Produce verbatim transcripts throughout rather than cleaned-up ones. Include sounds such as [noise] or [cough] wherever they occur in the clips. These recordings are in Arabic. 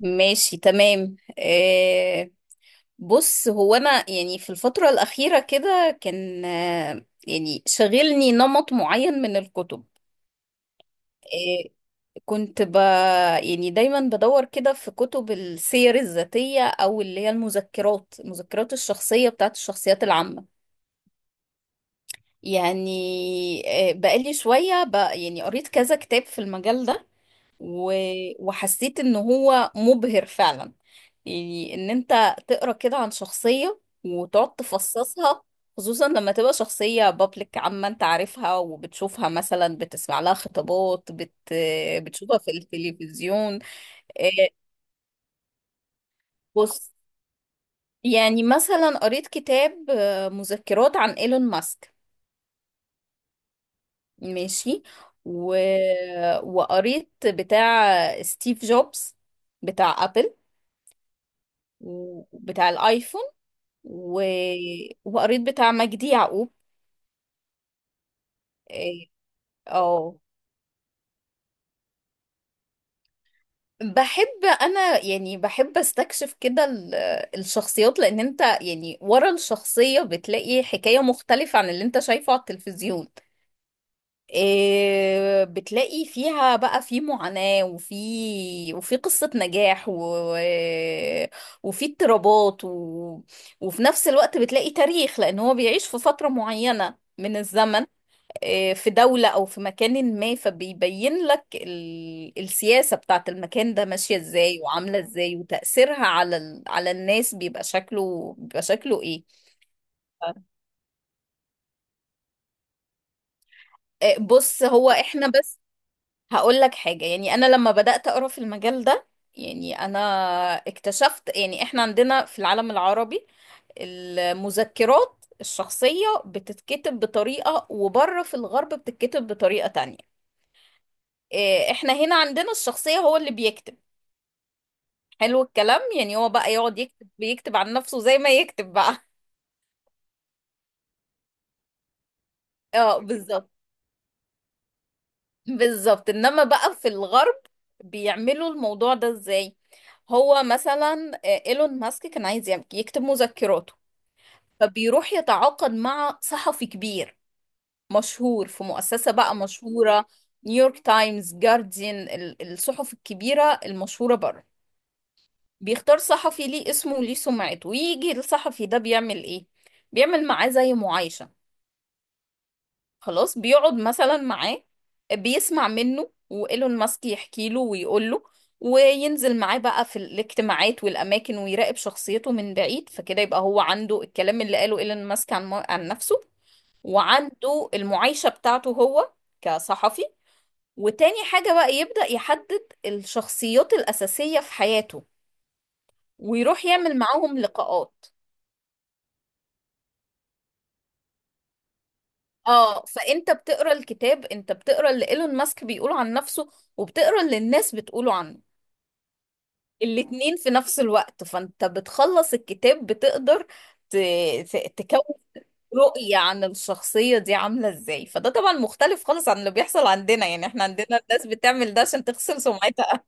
ماشي، تمام، آه. بص، هو انا يعني في الفترة الأخيرة كده كان آه يعني شغلني نمط معين من الكتب. آه كنت ب يعني دايما بدور كده في كتب السير الذاتية، او اللي هي المذكرات المذكرات الشخصية بتاعت الشخصيات العامة. يعني آه بقالي شوية ب... يعني قريت كذا كتاب في المجال ده، و... وحسيت ان هو مبهر فعلا. يعني ان انت تقرا كده عن شخصية وتقعد تفصصها، خصوصا لما تبقى شخصية بابليك عامة انت عارفها وبتشوفها مثلا، بتسمع لها خطابات، بت... بتشوفها في التلفزيون. إيه، بص، يعني مثلا قريت كتاب، آه، مذكرات عن ايلون ماسك. ماشي. و... وقريت بتاع ستيف جوبز، بتاع ابل، وبتاع الايفون، و... وقريت بتاع مجدي يعقوب. إيه، اه، بحب انا، يعني بحب استكشف كده ال- الشخصيات، لان انت يعني ورا الشخصية بتلاقي حكاية مختلفة عن اللي انت شايفه على التلفزيون. إيه، بتلاقي فيها بقى في معاناة، وفي وفي قصة نجاح، و... وفي اضطرابات، و... وفي نفس الوقت بتلاقي تاريخ، لان هو بيعيش في فترة معينة من الزمن، آه، في دولة أو في مكان ما. فبيبين لك ال- السياسة بتاعت المكان ده ماشية ازاي وعاملة ازاي، وتأثيرها على ال... على الناس بيبقى شكله بيبقى شكله ايه. آه، بص، هو احنا بس هقول لك حاجة. يعني انا لما بدأت اقرا في المجال ده، يعني انا اكتشفت يعني احنا عندنا في العالم العربي المذكرات الشخصية بتتكتب بطريقة، وبره في الغرب بتتكتب بطريقة تانية. آه، احنا هنا عندنا الشخصية هو اللي بيكتب. حلو الكلام. يعني هو بقى يقعد يكتب بيكتب عن نفسه زي ما يكتب بقى. [laughs] اه، بالظبط، بالظبط. انما بقى في الغرب بيعملوا الموضوع ده ازاي؟ هو مثلا، آه، ايلون ماسك كان عايز يعمل- يكتب مذكراته. فبيروح يتعاقد مع صحفي كبير مشهور في مؤسسة بقى مشهورة، نيويورك تايمز، جارديان، ال- الصحف الكبيرة المشهورة بره. بيختار صحفي ليه اسمه وليه سمعته، ويجي الصحفي ده بيعمل ايه؟ بيعمل معاه زي معايشة. خلاص، بيقعد مثلا معاه، بيسمع منه، وإيلون ماسك يحكي له ويقول له، وينزل معاه بقى في الاجتماعات والأماكن، ويراقب شخصيته من بعيد. فكده يبقى هو عنده الكلام اللي قاله إيلون ماسك عن, عن نفسه. وعنده المعايشة بتاعته هو كصحفي. وتاني حاجة بقى، يبدأ يحدد الشخصيات الأساسية في حياته ويروح يعمل معاهم لقاءات. اه. فانت بتقرا الكتاب، انت بتقرا اللي ايلون ماسك بيقوله عن نفسه، وبتقرا اللي الناس بتقوله عنه، الاتنين في نفس الوقت. فانت بتخلص الكتاب بتقدر ت- ت- تكون رؤية عن الشخصية دي عاملة ازاي. فده طبعا مختلف خالص عن اللي بيحصل عندنا. يعني احنا عندنا الناس بتعمل ده عشان تغسل سمعتها.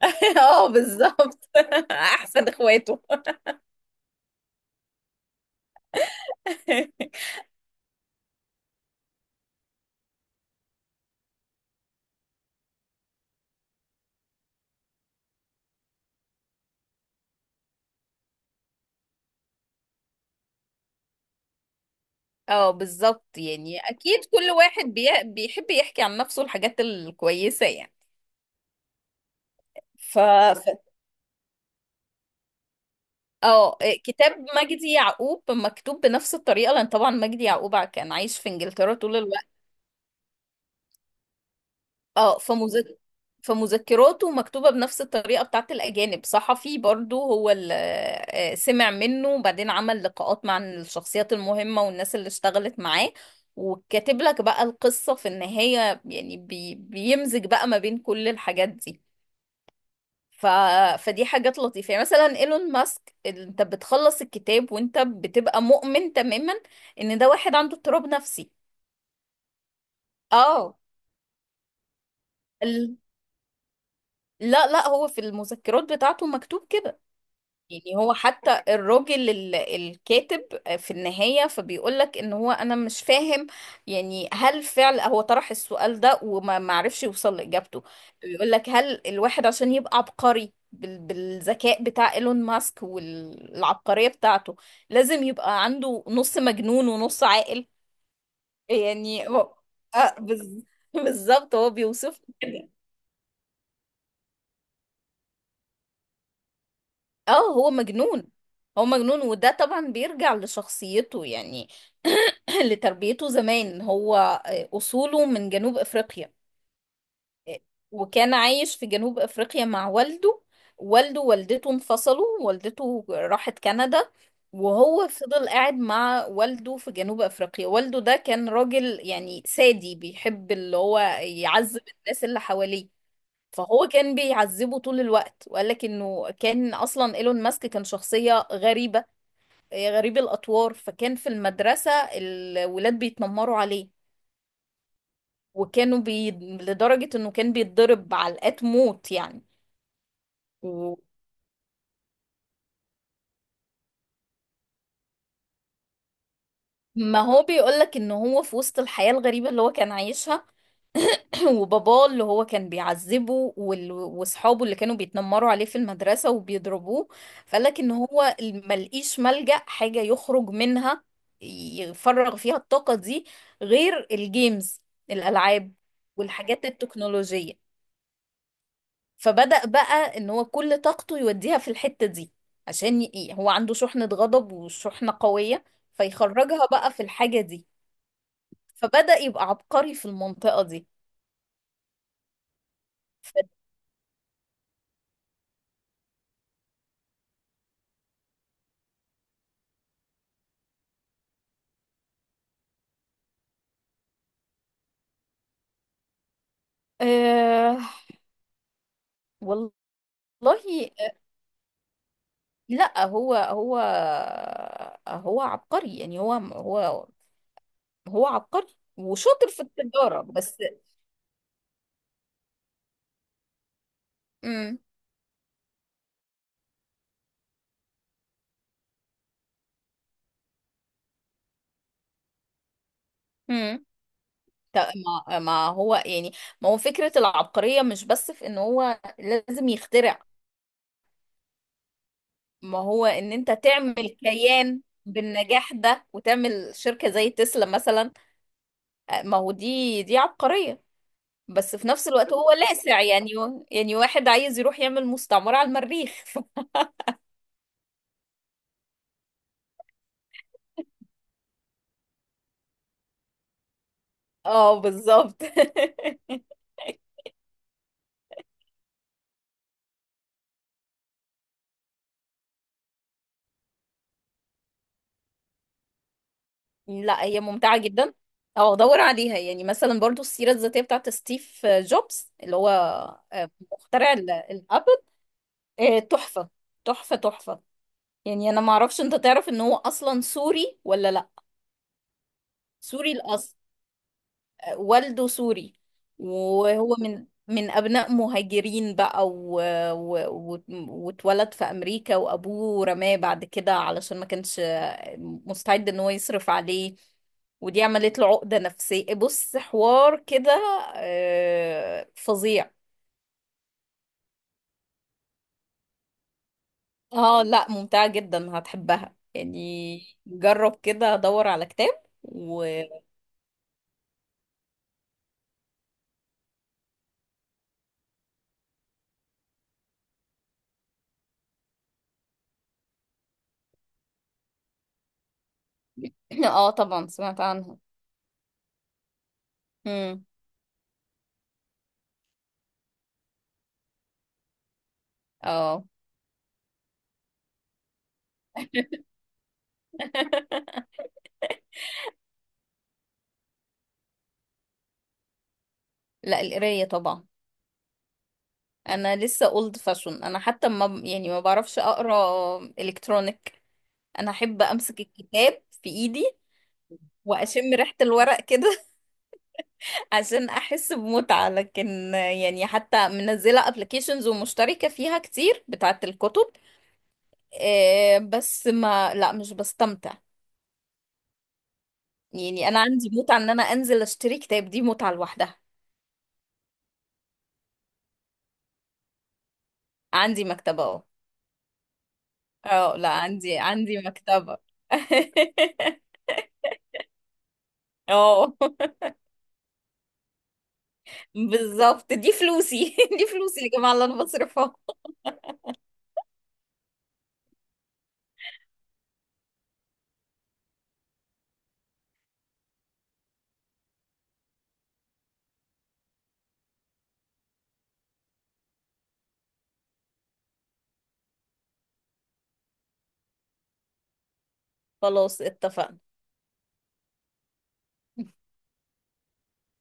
[laughs] اه، بالظبط. [laughs] احسن اخواته. [laughs] اه، بالظبط. يعني اكيد كل واحد بي... بيحب يحكي عن نفسه الحاجات الكويسة يعني. ف ف- اه، كتاب مجدي يعقوب مكتوب بنفس الطريقة، لأن طبعا مجدي يعقوب كان عايش في إنجلترا طول الوقت. اه، فمذك... فمذكراته مكتوبة بنفس الطريقة بتاعت الأجانب. صحفي برضو هو اللي سمع منه، وبعدين عمل لقاءات مع الشخصيات المهمة والناس اللي اشتغلت معاه، وكاتب لك بقى القصة في النهاية. يعني بي... بيمزج بقى ما بين كل الحاجات دي. ف... فدي حاجات لطيفة. يعني مثلا ايلون ماسك، ال- انت بتخلص الكتاب وانت بتبقى مؤمن تماما ان ده واحد عنده اضطراب نفسي. اه، ال... لا، لا، هو في المذكرات بتاعته مكتوب كده. يعني هو حتى الراجل ال- الكاتب في النهاية، فبيقول لك ان هو انا مش فاهم. يعني هل فعل هو طرح السؤال ده وما معرفش يوصل لإجابته. بيقول لك هل الواحد عشان يبقى عبقري بال- بالذكاء بتاع ايلون ماسك والعبقرية بتاعته، لازم يبقى عنده نص مجنون ونص عاقل. يعني هو آه بز- [laughs] بالظبط، هو بيوصف. اه، هو مجنون. هو مجنون، وده طبعا بيرجع لشخصيته يعني، [clears throat] لتربيته زمان. هو آه، أصوله من جنوب أفريقيا. وكان عايش في جنوب أفريقيا مع والده. والده ووالدته انفصلوا، والدته راحت كندا، وهو فضل قاعد مع والده في جنوب أفريقيا. والده ده كان راجل يعني سادي، بيحب اللي هو يعذب الناس اللي حواليه. فهو كان بيعذبه طول الوقت. وقال لك انه كان اصلا ايلون ماسك كان شخصية غريبة، آه، غريب الاطوار. فكان في المدرسة الولاد بيتنمروا عليه، وكانوا بي... لدرجة انه كان بيتضرب علقات موت يعني. و- ما هو بيقول لك ان هو في وسط الحياة الغريبة اللي هو كان عايشها، وباباه اللي هو كان بيعذبه، وال- واصحابه اللي كانوا بيتنمروا عليه في المدرسة وبيضربوه، فقالك ان هو ملقيش ملجأ حاجة يخرج منها، يفرغ فيها الطاقة دي، غير الجيمز، الألعاب، والحاجات التكنولوجية. فبدأ بقى ان هو كل طاقته يوديها في الحتة دي، عشان ي- هو عنده شحنة غضب وشحنة قوية، فيخرجها بقى في الحاجة دي، فبدأ يبقى عبقري في المنطقة دي. ف... أه... والله، والله، آه، لا، هو، هو هو عبقري. يعني هو، هو هو عبقري وشاطر في التجارة بس. امم امم ما ما هو يعني، ما هو فكرة العبقرية مش بس في ان هو لازم يخترع. ما هو ان انت تعمل كيان بالنجاح ده، وتعمل شركة زي تسلا مثلا، آه، ما هو دي دي عبقرية. بس في نفس الوقت هو لاسع يعني يعني واحد عايز يروح يعمل مستعمرة على المريخ. [laughs] اه، بالظبط. [laughs] لا، هي ممتعة جدا. اه، دور عليها. يعني مثلا برضو السيرة الذاتية بتاعت ستيف، آه، جوبز، اللي هو آه، مخترع ال- الابل. آه، تحفة، تحفة، تحفة. يعني انا ما اعرفش، انت تعرف ان هو اصلا سوري ولا لا؟ سوري الاصل. والده سوري. وهو من من أبناء مهاجرين بقى، و... و... و... واتولد في أمريكا. وأبوه رماه بعد كده علشان ما كانش مستعد إن هو يصرف عليه. ودي عملت له عقدة نفسية. بص حوار كده، آه، فظيع. اه، لا، ممتعة جدا هتحبها يعني. جرب كده دور على كتاب و [clears throat] اه، طبعا سمعت عنها. امم. اه. [laughs] لا، القراية طبعا. انا لسه اولد فاشون. انا حتى ما يعني ما بعرفش اقرا الكترونيك. انا احب امسك الكتاب في ايدي، واشم ريحة الورق كده. [laughs] عشان احس بمتعة، لكن يعني حتى منزلة ابلكيشنز ومشتركة فيها كتير بتاعة الكتب، آه، بس ما لا، مش بستمتع. يعني انا عندي متعة ان انا انزل اشتري كتاب، دي متعة لوحدها. عندي مكتبة اهو. اه، لا، عندي عندي مكتبة. [laughs] اه، بالظبط، دي فلوسي. [laughs] دي فلوسي يا جماعة اللي انا بصرفها. خلاص، اتفقنا.